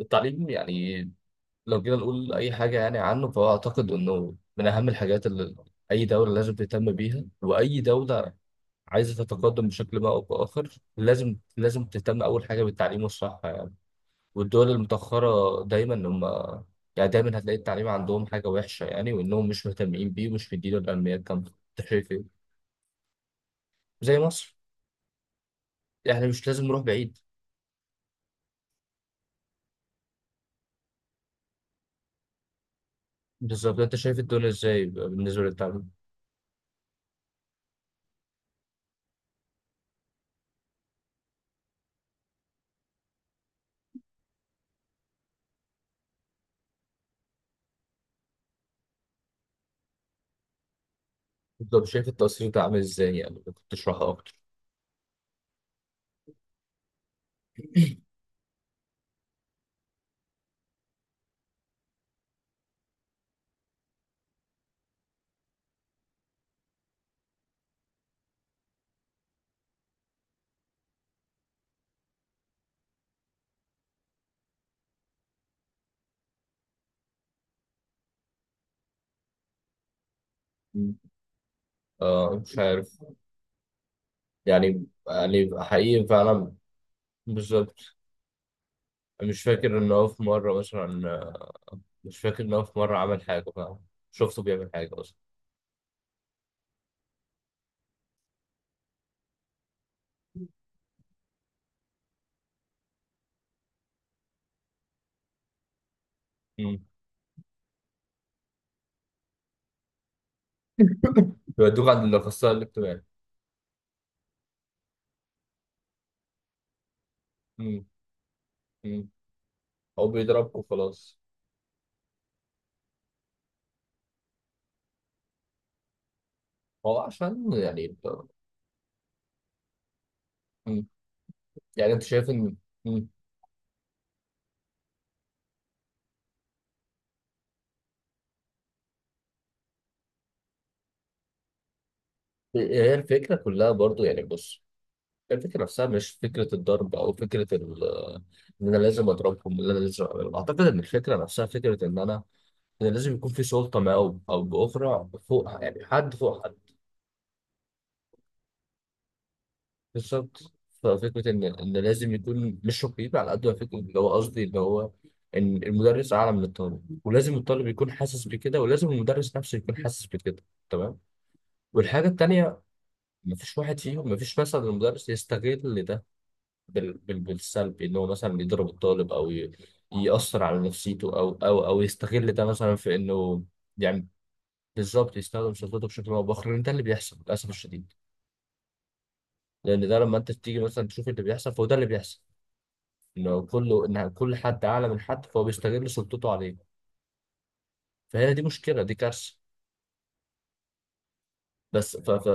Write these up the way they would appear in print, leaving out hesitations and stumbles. التعليم، يعني لو جينا نقول أي حاجة يعني عنه، فهو أعتقد إنه من أهم الحاجات اللي أي دولة لازم تهتم بيها، وأي دولة عايزة تتقدم بشكل ما أو بآخر، لازم تهتم أول حاجة بالتعليم والصحة يعني. والدول المتأخرة دايما هم يعني دايما هتلاقي التعليم عندهم حاجة وحشة، يعني وإنهم مش مهتمين بيه، ومش مديله الأهمية الكاملة. أنت شايف إيه؟ زي مصر، يعني مش لازم نروح بعيد. بالظبط، أنت شايف الدنيا إزاي بالنسبة للتعليم؟ بالظبط، شايف التأثير ده عامل إزاي؟ يعني ممكن تشرحه أكتر؟ آه، مش عارف، يعني يعني حقيقي فعلا. بالظبط. مش فاكر ان هو في مرة مثلا، مش فاكر ان هو في مرة عمل حاجة فعلا، شفته بيعمل حاجة اصلا. مم. بيودوك عند الاخصائي الاجتماعي. مم. مم. هو بيضربك وخلاص. هو عشان يعني انت. مم. يعني انت شايف ان. مم. هي الفكرة كلها برضو، يعني بص، الفكرة نفسها مش فكرة الضرب أو فكرة إن أنا لازم أضربهم، إن أنا لازم أعملهم، أعتقد إن الفكرة نفسها فكرة إن أنا، إن لازم يكون في سلطة ما أو بأخرى فوق، يعني حد فوق حد. بالظبط. ففكرة إن لازم يكون مش رقيب على قد ما فكرة اللي هو، قصدي اللي هو إن المدرس أعلى من الطالب، ولازم الطالب يكون حاسس بكده، ولازم المدرس نفسه يكون حاسس بكده. تمام. والحاجة التانية، مفيش واحد فيهم، مفيش مثلا المدرس يستغل ده بالسلب، إن هو مثلا يضرب الطالب أو يأثر على نفسيته، أو أو يستغل ده مثلا في إنه. يعني بالظبط، يستخدم سلطته بشكل او باخر، لان ده اللي بيحصل للاسف الشديد. لان ده لما انت تيجي مثلا تشوف اللي بيحصل، فهو ده اللي بيحصل، انه كله، ان كل حد اعلى من حد فهو بيستغل سلطته عليه. فهنا دي مشكله، دي كارثه. بس ف ف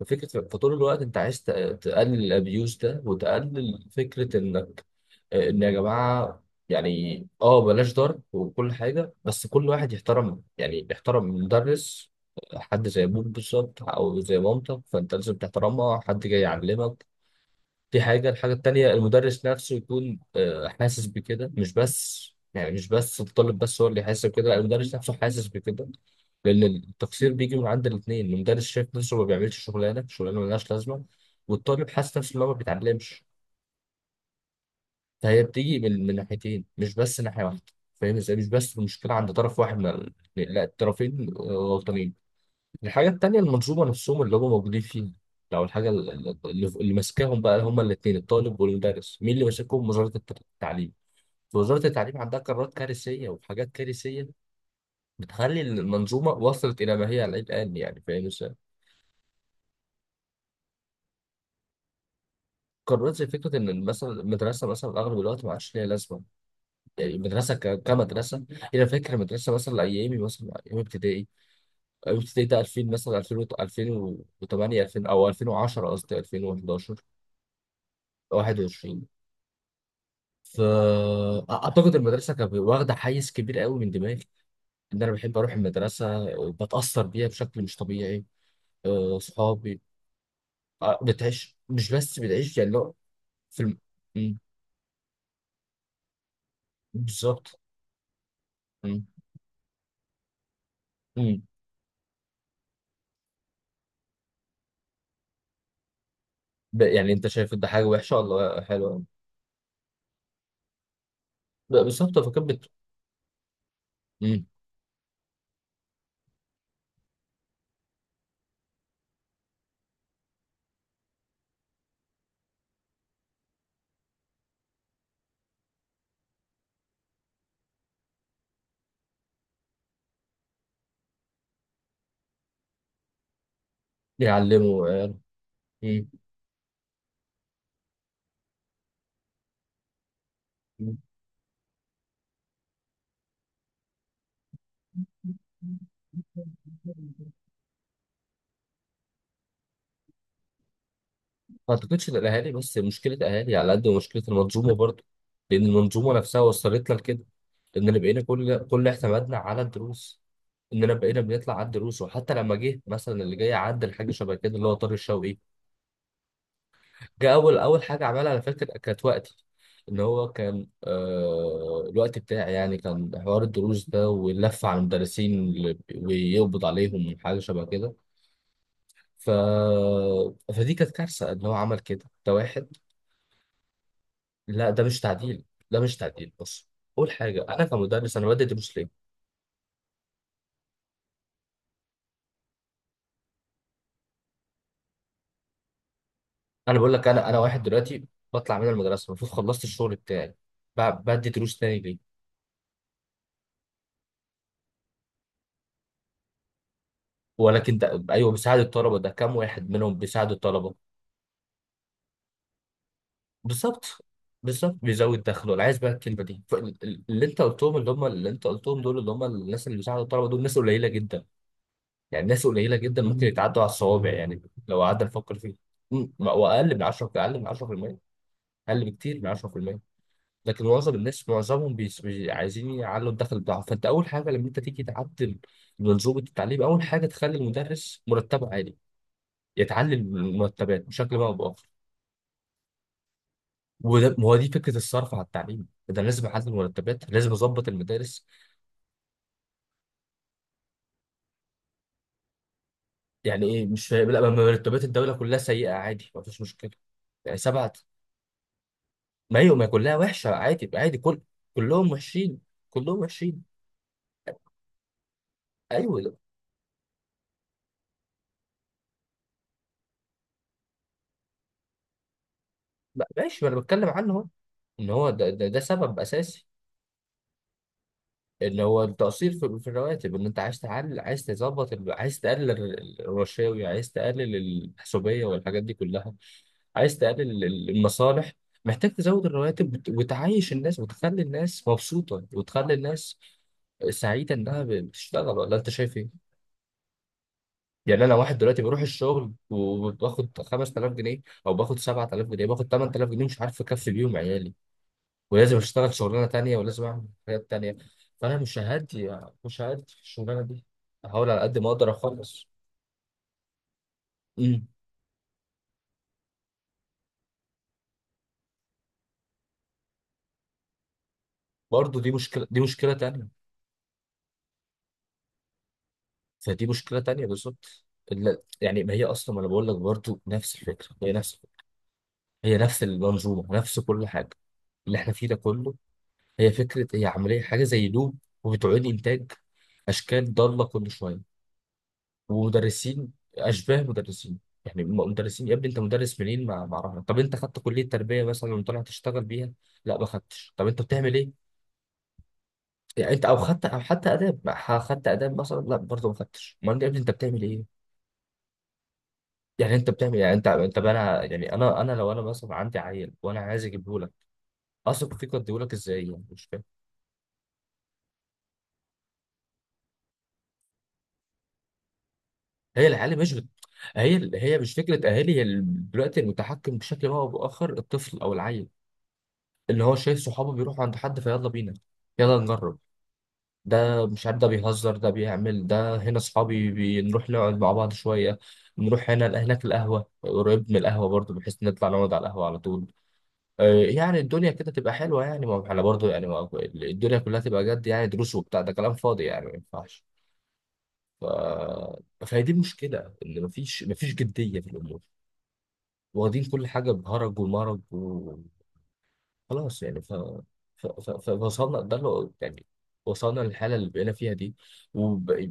ففكره، فطول الوقت انت عايز تقلل الابيوز ده، وتقلل فكره انك، ان يا جماعه يعني، بلاش ضرب وكل حاجه، بس كل واحد يحترم، يعني يحترم مدرس، حد زي ابوك بالظبط، او زي مامتك، فانت لازم تحترمها، حد جاي يعلمك. دي حاجه. الحاجه التانيه، المدرس نفسه يكون حاسس بكده، مش بس يعني، مش بس الطالب بس هو اللي يحس بكده، لا، المدرس نفسه حاسس بكده. لان التقصير بيجي من عند الاثنين، المدرس شايف نفسه ما بيعملش شغلانه، شغلانه ملهاش لازمه، والطالب حاسس نفسه ان هو ما بيتعلمش. فهي بتيجي من ناحيتين، مش بس ناحية واحدة. فاهم ازاي؟ مش بس المشكلة عند طرف واحد من لا، الطرفين غلطانين. الحاجة التانية، المنظومة نفسهم اللي هم موجودين فيها، لو الحاجة اللي ماسكاهم بقى هما الاتنين، الطالب والمدرس، مين اللي ماسكهم؟ وزارة التعليم. وزارة التعليم عندها قرارات كارثية وحاجات كارثية بتخلي المنظومة وصلت إلى ما هي عليه الآن، يعني فاهم ازاي؟ قرارات زي فكرة إن مثلا المدرسة، مثلا أغلب الوقت ما عادش ليها لازمة. المدرسه كمدرسه، إيه، انا فاكر مدرسه مثلا ايامي، مثلا ايام ابتدائي، ايام ابتدائي ده 2000 مثلا، 2000، 2008، 2000 او 2010، قصدي 2011. 21. فاعتقد المدرسه كانت واخده حيز كبير قوي من دماغي، ان انا بحب اروح المدرسه، بتاثر بيها بشكل مش طبيعي، صحابي، بتعيش، مش بس بتعيش، يعني لو في مم، بالظبط، مم، مم. يعني انت شايف ده حاجه وحشه ولا حلوه؟ بالظبط، فكانت يعلموا عيال. مم. مم. ما اعتقدش ان الاهالي بس مشكله، اهالي على قد ما مشكله المنظومه برضه. لان المنظومه نفسها وصلت لنا لكده، اننا بقينا كل اعتمادنا على الدروس، اننا بقينا بنطلع على الدروس. وحتى لما جه مثلا اللي جاي عدل حاجه شبه كده، اللي هو طارق الشوقي، جه اول حاجه عملها، انا فاكر كانت وقتي، ان هو كان آه الوقت بتاعي، يعني كان حوار الدروس ده واللف على المدرسين ويقبض عليهم وحاجه شبه كده. ف... فدي كانت كارثه ان هو عمل كده، ده واحد. لا، ده مش تعديل، ده مش تعديل، بص، اول حاجه انا كمدرس، انا بدي دروس ليه؟ انا بقول لك، انا واحد دلوقتي بطلع من المدرسه، المفروض خلصت الشغل بتاعي، بدي دروس تاني ليه؟ ولكن ده ايوه بيساعد الطلبه، ده كام واحد منهم بيساعد الطلبه؟ بالظبط. بالظبط، بيزود دخله، انا عايز بقى الكلمه دي، اللي انت قلتهم، اللي هم اللي انت قلتهم دول، اللي هم الناس اللي بيساعدوا الطلبه دول، ناس قليله جدا، يعني ناس قليله جدا ممكن يتعدوا على الصوابع يعني. لو قعدنا نفكر فيه، مم، واقل من 10، اقل من 10%، اقل بكتير من 10%. لكن معظم الناس، معظمهم عايزين يعلوا الدخل بتاعهم. فانت اول حاجه لما انت تيجي تعدل منظومه التعليم، اول حاجه تخلي المدرس مرتبه عالي، يتعلل المرتبات بشكل ما او باخر. وده ما هو دي فكره الصرف على التعليم، ده أنا لازم اعدل المرتبات، لازم اظبط المدارس. يعني ايه مش فاهم؟ لا، ما مرتبات الدوله كلها سيئه، عادي، ما فيش مشكله. يعني سبعة، ما ايوه، ما كلها وحشه عادي، عادي، كل، كلهم وحشين، كلهم وحشين. ايوه، لا، ما- ماشي، ما انا بتكلم عنه اهو، ان هو ده سبب اساسي، ان هو التقصير في الرواتب، ان انت عايز تعلي، عايز تظبط عايز تقلل الرشاوي، عايز تقلل الحسوبيه والحاجات دي كلها، عايز تقلل المصالح. محتاج تزود الرواتب، وتعيش الناس، وتخلي الناس مبسوطه، وتخلي الناس سعيده انها بتشتغل، ولا انت شايف ايه؟ يعني انا واحد دلوقتي بروح الشغل وباخد 5000 جنيه، او باخد 7000 جنيه، باخد 8000 جنيه، مش عارف اكفي بيهم عيالي، ولازم اشتغل شغلانه تانية، ولازم اعمل حاجات تانية. فانا مش هادي، مش هادي في الشغلانه دي، هحاول على قد ما اقدر اخلص. امم برضه دي مشكله، دي مشكله تانية، فدي مشكله تانية بالظبط. يعني ما هي اصلا، ما انا بقول لك برضه نفس الفكره، هي نفس الفكرة. هي نفس المنظومه، نفس كل حاجه اللي احنا فيه ده كله. هي فكره، هي عمليه، حاجه زي لوب، وبتعيد انتاج اشكال ضاله كل شويه، ومدرسين اشباه مدرسين. يعني مدرسين، يا ابني انت مدرس منين؟ ما اعرفها، طب انت خدت كليه تربيه مثلا وطلع تشتغل بيها؟ لا، ما خدتش. طب انت بتعمل ايه؟ يعني انت او خدت، او حتى اداب، ما ح- خدت اداب مثلا؟ لا، برضه ما خدتش. امال يا ابني انت بتعمل ايه؟ يعني انت بتعمل، يعني انت بقى انا، يعني انا لو انا مثلا عندي عيل وانا عايز اجيبه لك، اثق فيك واديه لك ازاي؟ يعني مش فاهم. هي العيال مش بت... هي مش فكره اهالي، هي دلوقتي المتحكم بشكل ما او باخر الطفل او العيل، اللي هو شايف صحابه بيروحوا عند حد، فيلا بينا، يلا نجرب، ده مش عارف، ده بيهزر، ده بيعمل، ده هنا صحابي، بنروح نقعد مع بعض شوية، نروح هنا، هناك القهوة، قريب من القهوة برضو، بحيث نطلع نقعد على القهوة على طول. يعني الدنيا كده تبقى حلوة يعني، ما احنا برضو يعني، ما الدنيا كلها تبقى جد؟ يعني دروس وبتاع، ده كلام فاضي، يعني ما ينفعش. ف... فهي دي المشكلة، إن مفيش، جدية في الأمور، واخدين كل حاجة بهرج ومرج، خلاص يعني. فوصلنا ده اللي يعني، وصلنا للحاله اللي بقينا فيها دي. وب...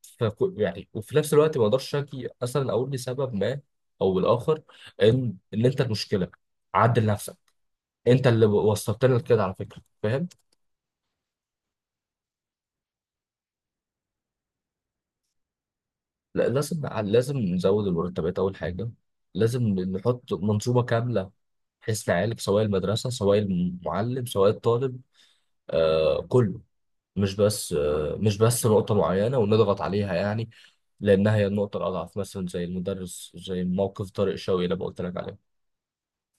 ف... يعني وفي نفس الوقت ما اقدرش اشكي اصلا، اقول لسبب ما او الاخر ان ان انت المشكله، عدل نفسك، انت اللي وصلتنا لكده على فكره، فاهم؟ لا، لازم نزود المرتبات اول حاجه، لازم نحط منظومه كامله بحيث نعالج سواء المدرسه، سواء المعلم، سواء الطالب، كله. مش بس مش بس نقطة معينة ونضغط عليها يعني، لأنها هي النقطة الأضعف، مثلا زي المدرس، زي موقف طارق شوقي اللي أنا قلت لك عليه.